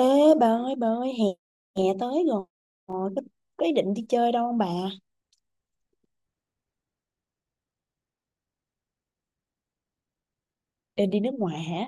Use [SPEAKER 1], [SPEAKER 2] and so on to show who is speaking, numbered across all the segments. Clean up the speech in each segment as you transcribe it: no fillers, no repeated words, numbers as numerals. [SPEAKER 1] Ê, bà ơi bà ơi, hè, hè tới rồi. Ờ, có ý định đi chơi đâu không bà? Định đi nước ngoài hả?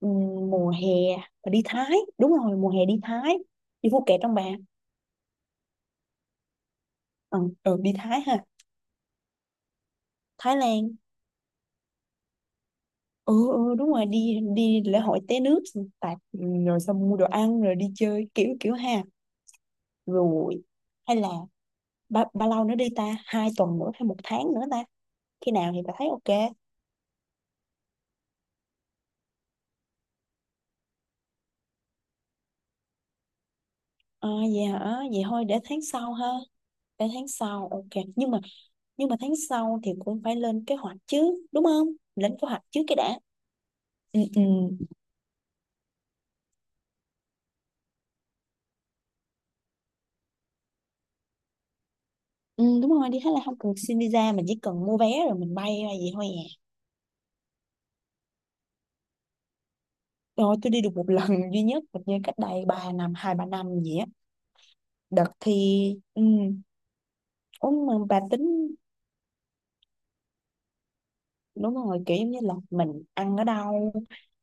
[SPEAKER 1] Ừ, mùa hè bà đi Thái. Đúng rồi, mùa hè đi Thái. Đi Phuket trong bà. Ừ, ừ, đi Thái ha. Thái Lan. Ừ, ừ, đúng rồi, đi đi lễ hội té nước xong tạt, ừ, rồi xong mua đồ ăn rồi đi chơi kiểu kiểu ha. Rồi. Hay là bao lâu nữa đi ta, hai tuần nữa hay một tháng nữa ta? Khi nào thì bà thấy ok? À, vậy hả? Vậy thôi để tháng sau ha. Để tháng sau, ok. Nhưng mà, nhưng mà tháng sau thì cũng phải lên kế hoạch chứ, đúng không? Lên kế hoạch trước cái đã. Ừ, ừ. Ừ, đúng rồi, đi Thái Lan không cần xin visa, mình chỉ cần mua vé rồi mình bay ra vậy thôi à. Rồi, tôi đi được một lần duy nhất, hình như cách đây 3 năm, 2 3 năm gì á. Đợt thì, ừ, ủa mà bà tính đúng rồi, kiểu giống như là mình ăn ở đâu,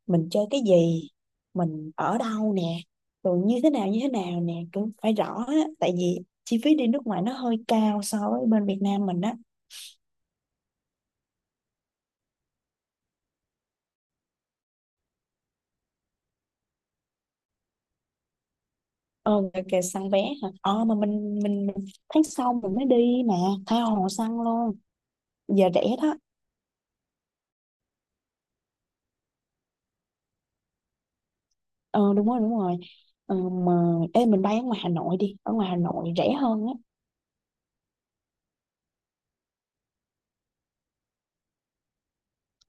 [SPEAKER 1] mình chơi cái gì, mình ở đâu nè, rồi như thế nào nè, cũng phải rõ á, tại vì chi phí đi nước ngoài nó hơi cao so với bên Việt Nam mình á. Ờ kìa kìa, săn vé hả? Ờ mà mình tháng sau mình mới đi mà, tha hồ săn luôn. Giờ rẻ đó. Ờ đúng rồi đúng rồi. Ờ, mà ê, mình bay ở ngoài Hà Nội đi, ở ngoài Hà Nội rẻ hơn á.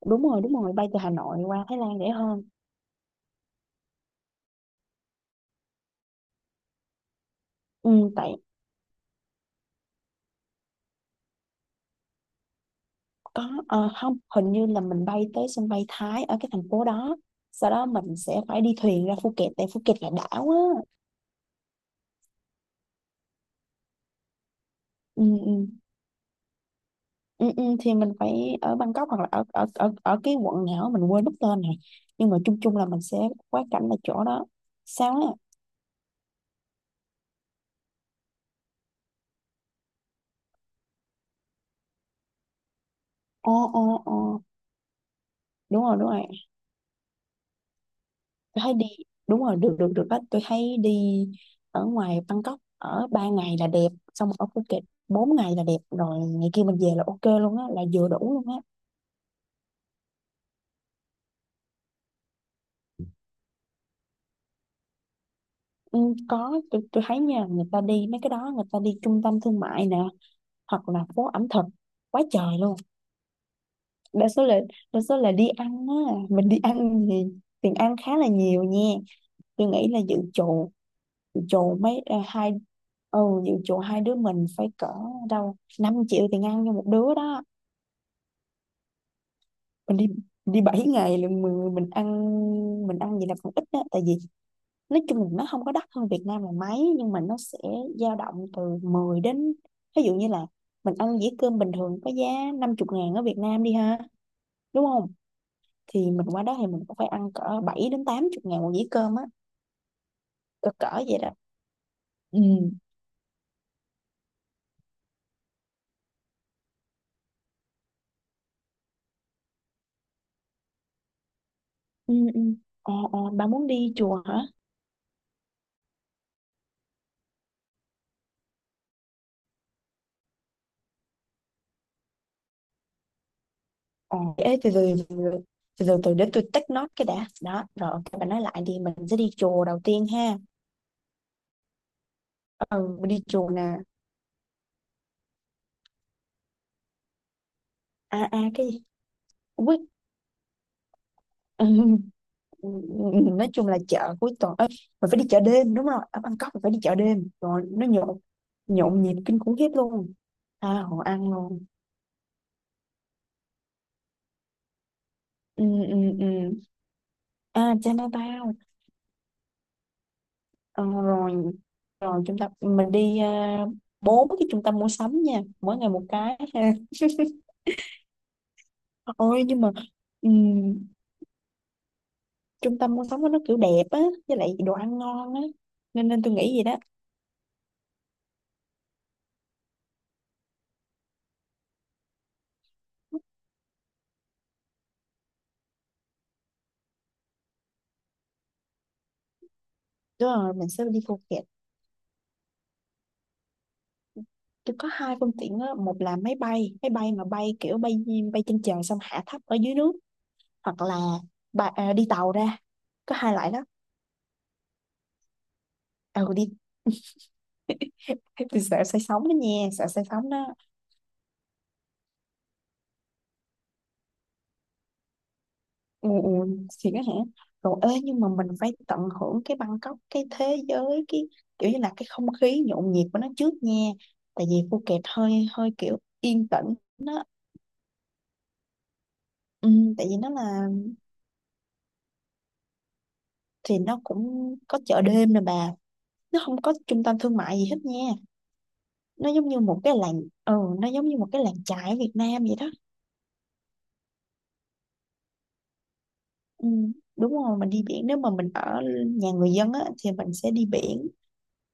[SPEAKER 1] Đúng rồi đúng rồi, bay từ Hà Nội qua Thái Lan rẻ hơn. Ừ tại có. Ờ, không, hình như là mình bay tới sân bay Thái ở cái thành phố đó, sau đó mình sẽ phải đi thuyền ra Phuket, tại Phuket là đảo á. Ừ, ừ, ừ, ừ, thì mình phải ở Bangkok hoặc là ở ở cái quận nào á, mình quên mất tên này, nhưng mà chung chung là mình sẽ quá cảnh là chỗ đó. Sao á? Ồ, ồ, ồ. Đúng rồi đúng rồi, tôi thấy đi, đúng rồi, được được được á, tôi thấy đi ở ngoài Bangkok ở ba ngày là đẹp, xong ở Phuket 4 ngày là đẹp, rồi ngày kia mình về là ok luôn á, là vừa đủ luôn á. Ừ, có, tôi thấy nha, người ta đi mấy cái đó, người ta đi trung tâm thương mại nè, hoặc là phố ẩm thực quá trời luôn. Đa số là, đa số là đi ăn á. Mình đi ăn thì tiền ăn khá là nhiều nha. Tôi nghĩ là dự trù, dự trù mấy, hai, ừ, dự trù hai đứa mình phải cỡ đâu 5 triệu tiền ăn cho một đứa đó. Mình đi mình đi 7 ngày là mình ăn, mình ăn gì là còn ít á, tại vì nói chung là nó không có đắt hơn Việt Nam là mấy, nhưng mà nó sẽ dao động từ 10 đến, ví dụ như là mình ăn dĩa cơm bình thường có giá 50 ngàn ở Việt Nam đi ha, đúng không, thì mình qua đó thì mình cũng phải ăn cỡ 7 đến 80 ngàn một dĩa cơm á, cỡ cỡ vậy đó. Ừ. Ừ, ừ. Ờ, ờ, bà muốn đi chùa hả? Ờ, ê, từ từ để tôi take note cái đã đó, rồi ok bà nói lại đi, mình sẽ đi chùa đầu tiên ha. Ừ, mình đi chùa nè. À à cái gì, quýt. Ừ, nói chung là chợ cuối tuần ấy, mình phải đi chợ đêm, đúng rồi, ở Bangkok mình phải đi chợ đêm, rồi nó nhộn, nhộn nhịp kinh khủng khiếp luôn, tha hồ ăn luôn. Ừ, ừ, ừ. À Chinatown. Ờ, rồi, rồi chúng ta mình đi, bốn cái trung tâm mua sắm nha, mỗi ngày một cái ha. Ôi nhưng mà, ừm, trung tâm mua sắm của nó kiểu đẹp á, với lại đồ ăn ngon á, nên nên tôi nghĩ vậy đó. Đúng rồi mình sẽ đi Phuket. Tôi có hai phương tiện á, một là máy bay, máy bay mà bay kiểu bay, bay trên trời xong hạ thấp ở dưới nước, hoặc là bà, đi tàu ra, có hai loại đó. Ừ đi. Thế tôi sợ say sóng đó nha, sợ say sóng đó. Ừ, ừ, thì đó hả? Rồi ơi, nhưng mà mình phải tận hưởng cái Bangkok, cái thế giới, cái kiểu như là cái không khí nhộn nhịp của nó trước nha, tại vì Phuket hơi hơi kiểu yên tĩnh nó. Ừ, tại vì nó là, thì nó cũng có chợ đêm nè bà, nó không có trung tâm thương mại gì hết nha, nó giống như một cái làng, ừ, nó giống như một cái làng chài ở Việt Nam vậy đó. Ừ, đúng rồi mình đi biển. Nếu mà mình ở nhà người dân á thì mình sẽ đi biển,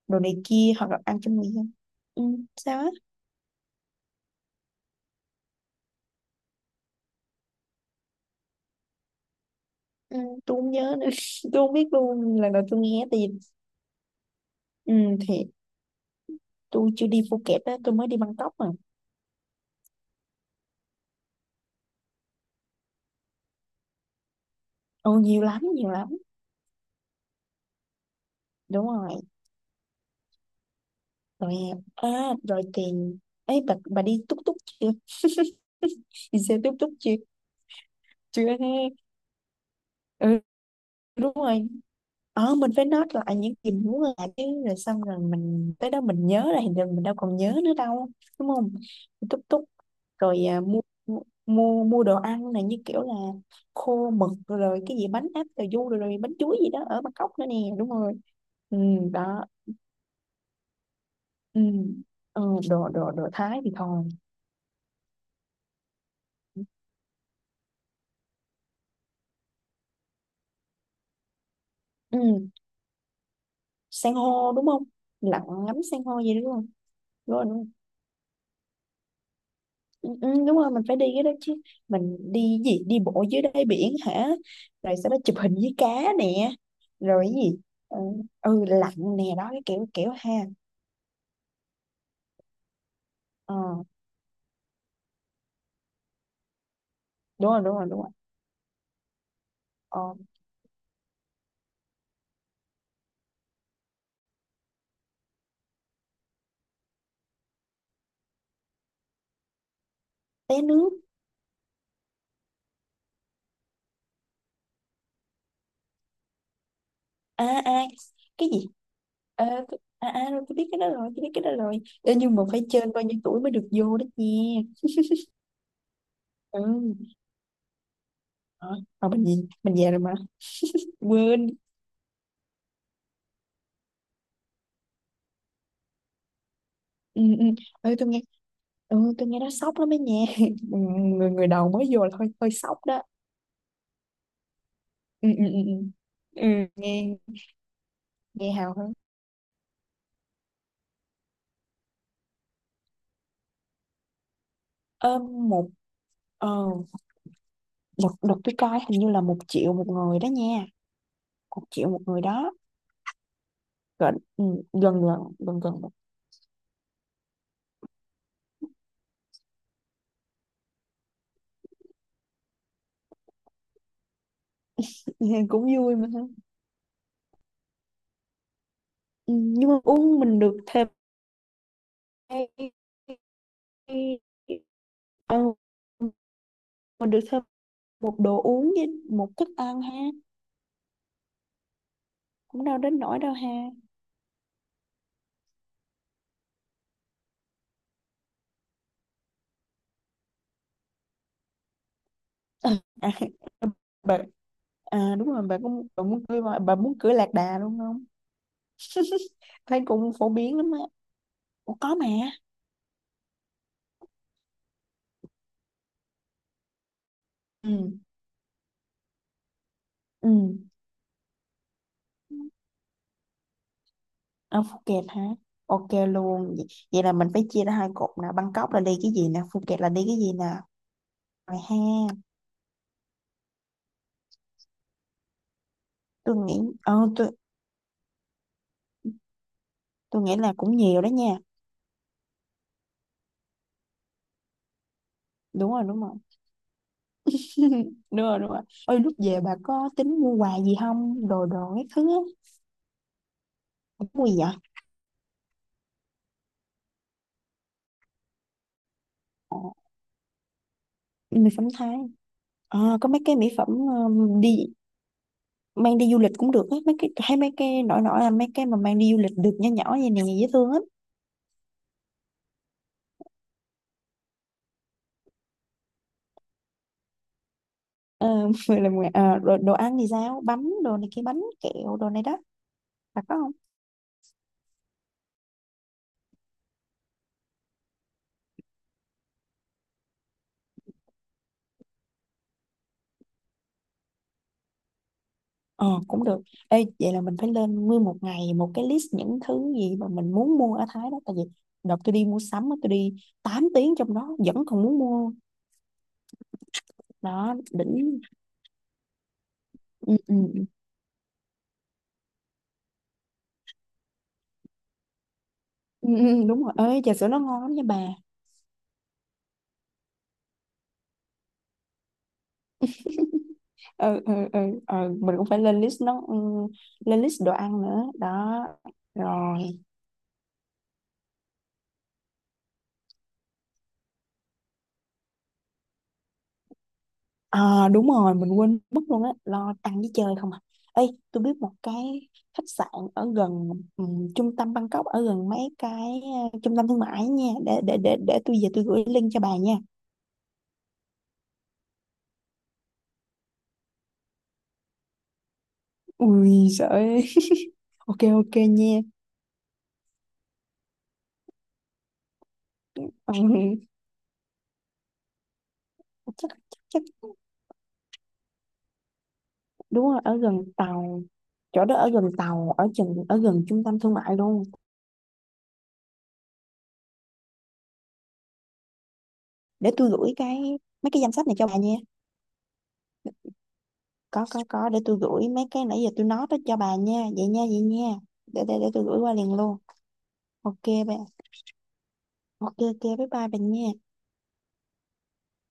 [SPEAKER 1] đồ này kia, hoặc là ăn cho người dân. Ừ, sao á? Ừ, tôi không nhớ nữa, tôi không biết luôn, lần đầu tôi nghe thì. Ừ, thì tôi chưa đi Phuket á, tôi mới đi Bangkok mà. Ừ, nhiều lắm nhiều lắm. Đúng rồi. Rồi rồi tiền ấy bà đi túc túc chưa? Đi xe túc túc chưa? Chưa thế. Ừ, đúng rồi. Ờ mình phải note lại những gì mình muốn làm chứ, rồi xong rồi mình tới đó mình nhớ ra thì mình đâu còn nhớ nữa đâu, đúng không? Túc túc. Rồi mua, mua đồ ăn này, như kiểu là khô mực rồi cái gì bánh áp cà du rồi, rồi bánh chuối gì đó ở Bangkok nữa nè, đúng rồi. Ừ, đó. Ừ. Ừ, đồ đồ đồ Thái thì thôi. Ừ. San hô đúng không? Lặn ngắm san hô gì đúng không? Đúng rồi đúng rồi. Ừ, ừ, đúng rồi mình phải đi cái đó chứ, mình đi gì đi bộ dưới đáy biển hả, rồi sau đó chụp hình với cá nè, rồi cái gì. Ừ, ừ lạnh nè, đó cái kiểu kiểu ha. Ờ đúng rồi đúng rồi đúng rồi. Ờ, té nước. À à cái gì. Ờ, à à rồi tôi biết cái đó rồi, tôi biết cái đó rồi. Ê, nhưng mà phải trên bao nhiêu tuổi mới được vô đó nha. Ừ. Ờ, mà mình gì, mình về rồi mà quên. Ừ ừ ừ. Tôi nghe, ừ tôi nghe nó sốc lắm ấy nha. Ừ, người người đầu mới vô là hơi hơi sốc đó. Ừ ừ ừ ừ. Ừ, nghe, nghe hào hứng. Ờ, một, ờ đợt đợt tôi coi hình như là một triệu một người đó nha, một triệu một người đó. Gần, ừ, gần gần gần gần một. Nghe cũng vui mà ha. Ừ, nhưng mà uống mình được thêm, ừ, mình được thêm một đồ uống với một thức ăn ha. Cũng đâu đến nỗi đâu ha. Ờ, à, bà, à, đúng rồi bà cũng bà muốn cưới voi- bà muốn cưới lạc đà luôn không? Thấy cũng phổ biến lắm á. Ủa, có mà. Ừ. Ừ, ở Phuket hả? Ok luôn vậy, vậy là mình phải chia ra hai cột nè, Bangkok là đi cái gì nè, Phuket là đi cái gì nè. Rồi ha. Tôi nghĩ, ờ tôi nghĩ là cũng nhiều đó nha. Đúng rồi đúng rồi. Đúng rồi đúng rồi. Ôi lúc về bà có tính mua quà gì không, đồ đồ các thứ á? Mua gì vậy? Ờ, mì phấn Thái. Ờ, có mấy cái mỹ phẩm, đi mang đi du lịch cũng được á, mấy cái hay, mấy cái nổi nổi là mấy cái mà mang đi du lịch được, nhỏ nhỏ vậy nè, dễ thương lắm. Ờ, rồi làm, rồi đồ ăn thì sao, bánh đồ này kia bánh kẹo đồ này đó, là có không? Ờ cũng được. Ê, vậy là mình phải lên nguyên một ngày một cái list những thứ gì mà mình muốn mua ở Thái đó, tại vì đợt tôi đi mua sắm á, tôi đi 8 tiếng trong đó vẫn còn muốn mua, đó đỉnh. Ừ, ừ, ừ, ừ, ừ, đúng rồi ơi, trà sữa nó ngon lắm nha bà. Ừ, ừ, ừ, ừ, mình cũng phải lên list nó, ừ, lên list đồ ăn nữa đó. Rồi đúng rồi mình quên mất luôn á, lo ăn với chơi không à. Ê tôi biết một cái khách sạn ở gần, ừ, trung tâm Bangkok, ở gần mấy cái, ờ, trung tâm thương mại nha, để tôi về tôi gửi link cho bà nha. Ui sợ ơi. Ok ok nha. Ừ. chắc chắc chắc. Đúng rồi ở gần tàu, chỗ đó ở gần tàu, ở chừng ở gần trung tâm thương mại luôn. Để tôi gửi cái mấy cái danh sách này cho bà nha. Có, để tôi gửi mấy cái nãy giờ tôi nói đó cho bà nha, vậy nha vậy nha, để tôi gửi qua liền luôn. Ok bà. Ok ok bye bye bà nha.